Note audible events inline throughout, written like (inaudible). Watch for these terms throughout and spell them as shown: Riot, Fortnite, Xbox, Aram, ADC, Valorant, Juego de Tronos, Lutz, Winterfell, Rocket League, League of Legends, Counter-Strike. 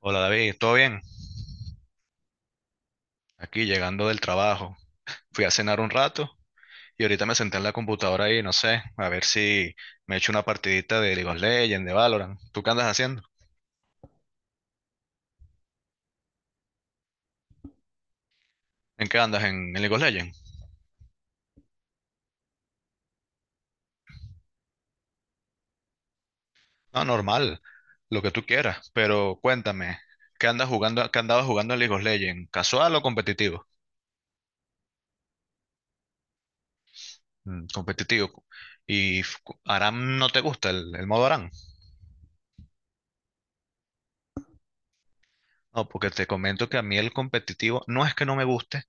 Hola David, ¿todo bien? Aquí llegando del trabajo. Fui a cenar un rato y ahorita me senté en la computadora y no sé, a ver si me echo una partidita de League of Legends, de Valorant. ¿Tú qué andas haciendo? ¿En qué andas? ¿En League of Legends? No, normal, lo que tú quieras, pero cuéntame, ¿qué andas jugando, qué andabas jugando en League of Legends? ¿Casual o competitivo? Mm, competitivo. ¿Y Aram no te gusta el modo Aram? No, porque te comento que a mí el competitivo no es que no me guste,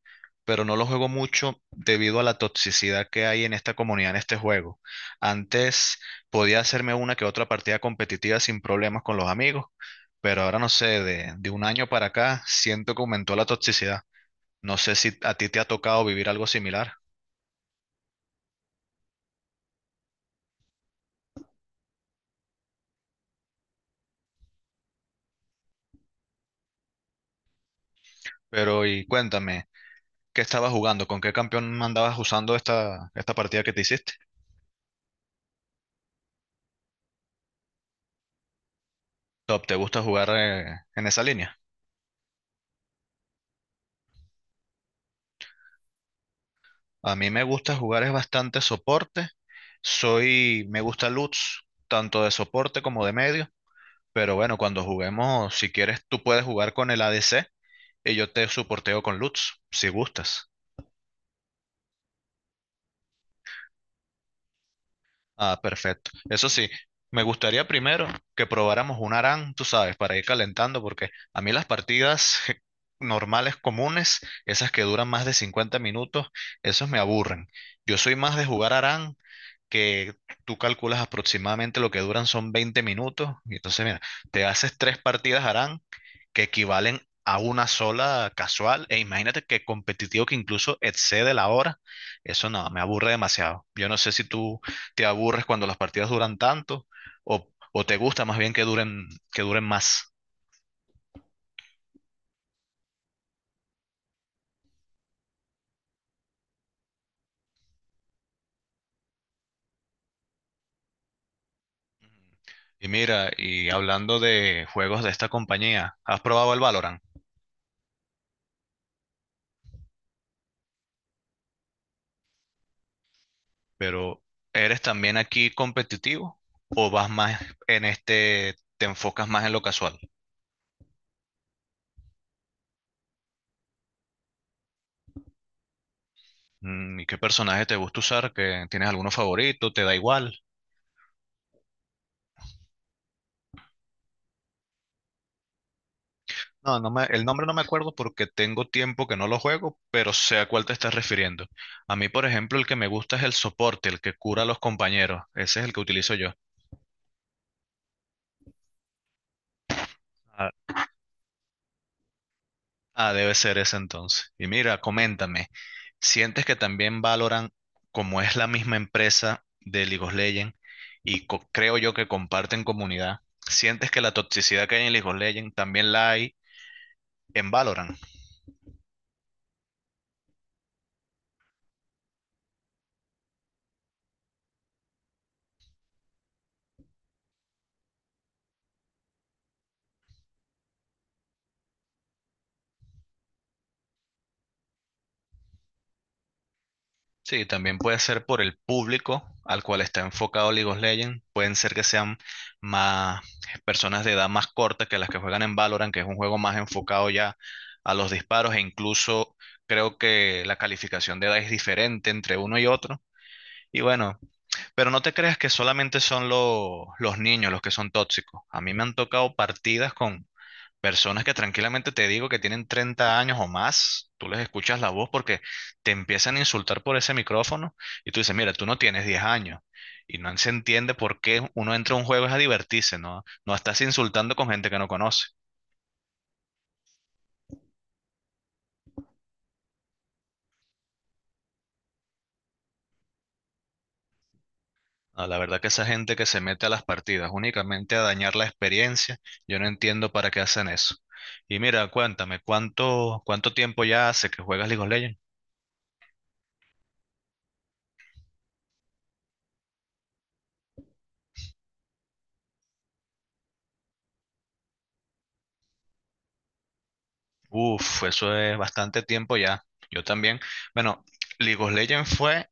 pero no lo juego mucho debido a la toxicidad que hay en esta comunidad, en este juego. Antes podía hacerme una que otra partida competitiva sin problemas con los amigos, pero ahora no sé, de un año para acá siento que aumentó la toxicidad. No sé si a ti te ha tocado vivir algo similar, pero y cuéntame, ¿qué estabas jugando? ¿Con qué campeón andabas usando esta partida que te hiciste? Top, ¿te gusta jugar en esa línea? A mí me gusta jugar es bastante soporte. Soy, me gusta Lutz, tanto de soporte como de medio. Pero bueno, cuando juguemos, si quieres, tú puedes jugar con el ADC y yo te soporteo con Lutz, si gustas. Ah, perfecto. Eso sí, me gustaría primero que probáramos un ARAM, tú sabes, para ir calentando, porque a mí las partidas (laughs) normales, comunes, esas que duran más de 50 minutos, esas me aburren. Yo soy más de jugar ARAM que tú calculas aproximadamente lo que duran son 20 minutos. Y entonces, mira, te haces tres partidas harán que equivalen a una sola casual. E imagínate que competitivo que incluso excede la hora. Eso no, me aburre demasiado. Yo no sé si tú te aburres cuando las partidas duran tanto o te gusta más bien que duren, más. Y mira, y hablando de juegos de esta compañía, ¿has probado el Valorant? Pero ¿eres también aquí competitivo o vas más te enfocas más en lo casual? Mm. ¿Y qué personaje te gusta usar? ¿Que tienes alguno favorito? ¿Te da igual? No, el nombre no me acuerdo porque tengo tiempo que no lo juego, pero sé a cuál te estás refiriendo. A mí, por ejemplo, el que me gusta es el soporte, el que cura a los compañeros. Ese es el que utilizo yo. Ah, debe ser ese entonces. Y mira, coméntame, ¿sientes que también Valorant, como es la misma empresa de League of Legends, y creo yo que comparten comunidad, ¿sientes que la toxicidad que hay en League of Legends también la hay en Valorant? Sí, también puede ser por el público al cual está enfocado League of Legends. Pueden ser que sean más personas de edad más corta que las que juegan en Valorant, que es un juego más enfocado ya a los disparos e incluso creo que la calificación de edad es diferente entre uno y otro. Y bueno, pero no te creas que solamente son los niños los que son tóxicos. A mí me han tocado partidas con personas que tranquilamente te digo que tienen 30 años o más, tú les escuchas la voz porque te empiezan a insultar por ese micrófono y tú dices, mira, tú no tienes 10 años. Y no se entiende por qué uno entra a un juego es a divertirse, ¿no? No estás insultando con gente que no conoce. No, la verdad que esa gente que se mete a las partidas únicamente a dañar la experiencia, yo no entiendo para qué hacen eso. Y mira, cuéntame, ¿cuánto tiempo ya hace que juegas League of Legends? Uf, eso es bastante tiempo ya. Yo también. Bueno, League of Legends fue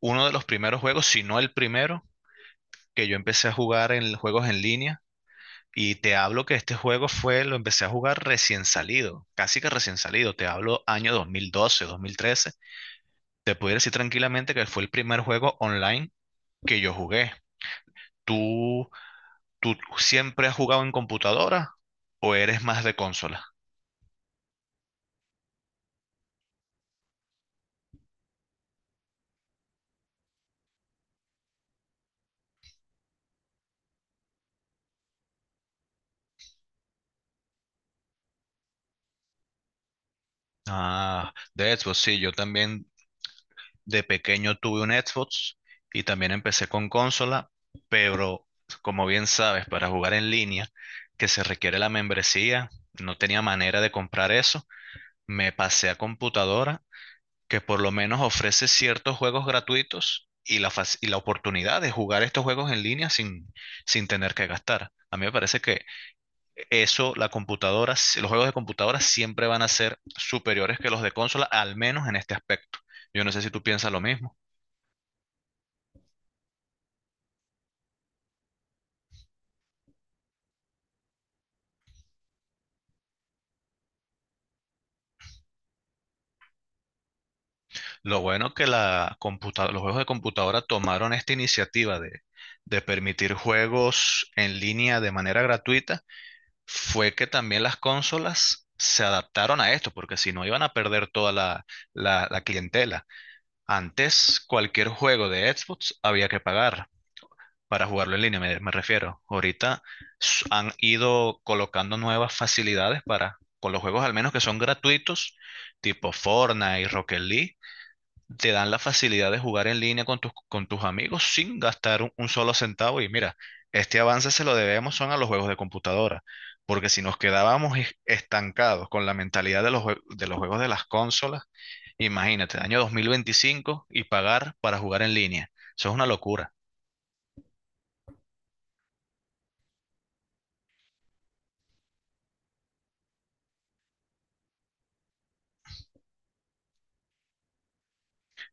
uno de los primeros juegos, si no el primero, que yo empecé a jugar en juegos en línea. Y te hablo que este juego fue, lo empecé a jugar recién salido, casi que recién salido. Te hablo año 2012, 2013. Te pudiera decir tranquilamente que fue el primer juego online que yo jugué. ¿Tú, tú siempre has jugado en computadora o eres más de consola? Ah, de Xbox, sí, yo también. De pequeño tuve un Xbox y también empecé con consola, pero como bien sabes, para jugar en línea, que se requiere la membresía, no tenía manera de comprar eso. Me pasé a computadora, que por lo menos ofrece ciertos juegos gratuitos y la oportunidad de jugar estos juegos en línea sin tener que gastar. A mí me parece que eso, la computadora, los juegos de computadora siempre van a ser superiores que los de consola, al menos en este aspecto. Yo no sé si tú piensas lo mismo. Lo bueno que la los juegos de computadora tomaron esta iniciativa de permitir juegos en línea de manera gratuita fue que también las consolas se adaptaron a esto, porque si no iban a perder toda la clientela. Antes, cualquier juego de Xbox había que pagar para jugarlo en línea, me refiero. Ahorita han ido colocando nuevas facilidades para, con los juegos al menos que son gratuitos, tipo Fortnite y Rocket League te dan la facilidad de jugar en línea con tus amigos sin gastar un solo centavo. Y mira, este avance se lo debemos son a los juegos de computadora, porque si nos quedábamos estancados con la mentalidad de los juegos de las consolas, imagínate, año 2025 y pagar para jugar en línea. Eso es una locura.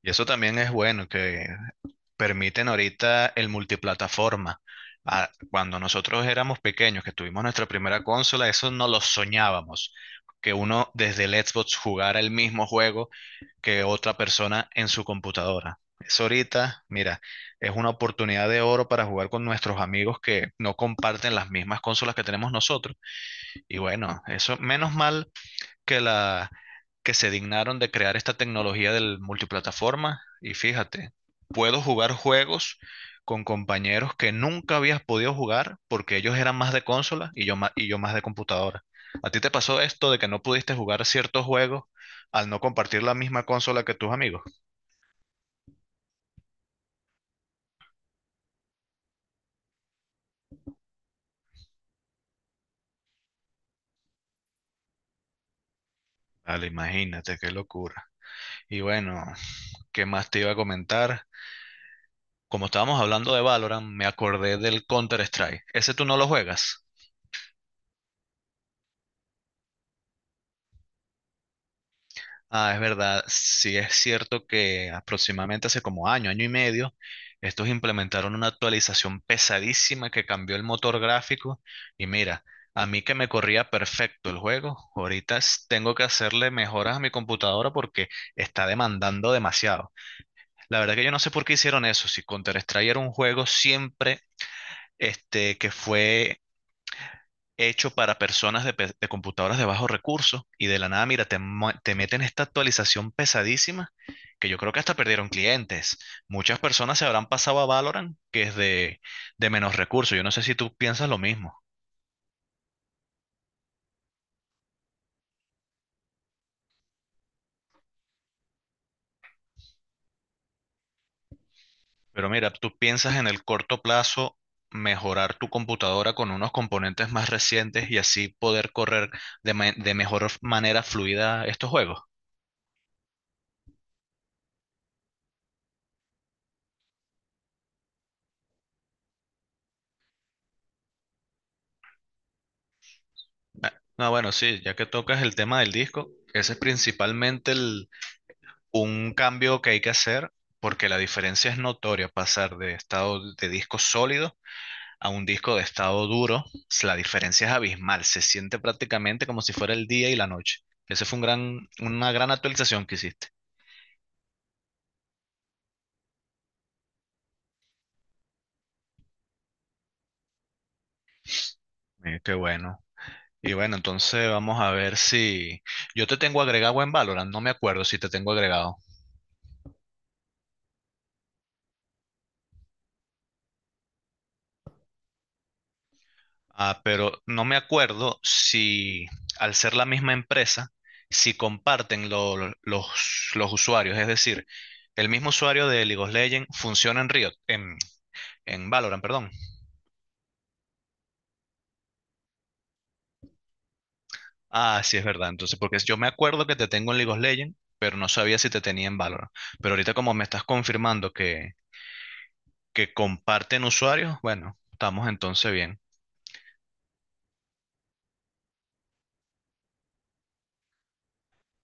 Y eso también es bueno, que permiten ahorita el multiplataforma. Ah, cuando nosotros éramos pequeños, que tuvimos nuestra primera consola, eso no lo soñábamos, que uno desde el Xbox jugara el mismo juego que otra persona en su computadora. Eso ahorita, mira, es una oportunidad de oro para jugar con nuestros amigos que no comparten las mismas consolas que tenemos nosotros. Y bueno, eso, menos mal que la que se dignaron de crear esta tecnología del multiplataforma y fíjate, puedo jugar juegos con compañeros que nunca habías podido jugar porque ellos eran más de consola y yo más de computadora. ¿A ti te pasó esto de que no pudiste jugar ciertos juegos al no compartir la misma consola que tus amigos? Vale, imagínate, qué locura. Y bueno, ¿qué más te iba a comentar? Como estábamos hablando de Valorant, me acordé del Counter-Strike. ¿Ese tú no lo juegas? Ah, es verdad, sí es cierto que aproximadamente hace como año y medio, estos implementaron una actualización pesadísima que cambió el motor gráfico y mira, a mí que me corría perfecto el juego, ahorita tengo que hacerle mejoras a mi computadora porque está demandando demasiado. La verdad que yo no sé por qué hicieron eso, si Counter-Strike era un juego siempre que fue hecho para personas de computadoras de bajos recursos y de la nada, mira, te meten esta actualización pesadísima que yo creo que hasta perdieron clientes. Muchas personas se habrán pasado a Valorant, que es de menos recursos. Yo no sé si tú piensas lo mismo, pero mira, tú piensas en el corto plazo mejorar tu computadora con unos componentes más recientes y así poder correr de mejor manera fluida estos juegos. Ah, no, bueno, sí, ya que tocas el tema del disco, ese es principalmente el un cambio que hay que hacer porque la diferencia es notoria pasar de estado de disco sólido a un disco de estado duro. La diferencia es abismal, se siente prácticamente como si fuera el día y la noche. Ese fue una gran actualización que hiciste. Qué bueno. Y bueno, entonces vamos a ver si yo te tengo agregado en Valorant, no me acuerdo si te tengo agregado. Ah, pero no me acuerdo si al ser la misma empresa, si comparten los usuarios. Es decir, el mismo usuario de League of Legends funciona en Riot, en Valorant, perdón. Ah, sí, es verdad. Entonces, porque yo me acuerdo que te tengo en League of Legends, pero no sabía si te tenía en Valorant. Pero ahorita como me estás confirmando que comparten usuarios, bueno, estamos entonces bien.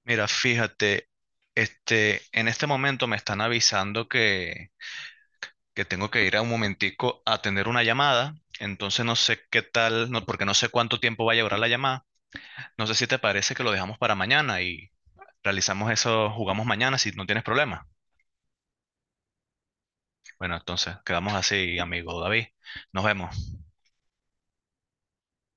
Mira, fíjate, en este momento me están avisando que tengo que ir a un momentico a atender una llamada. Entonces no sé qué tal, no, porque no sé cuánto tiempo vaya a durar la llamada. No sé si te parece que lo dejamos para mañana y realizamos eso, jugamos mañana si no tienes problema. Bueno, entonces quedamos así, amigo David. Nos vemos.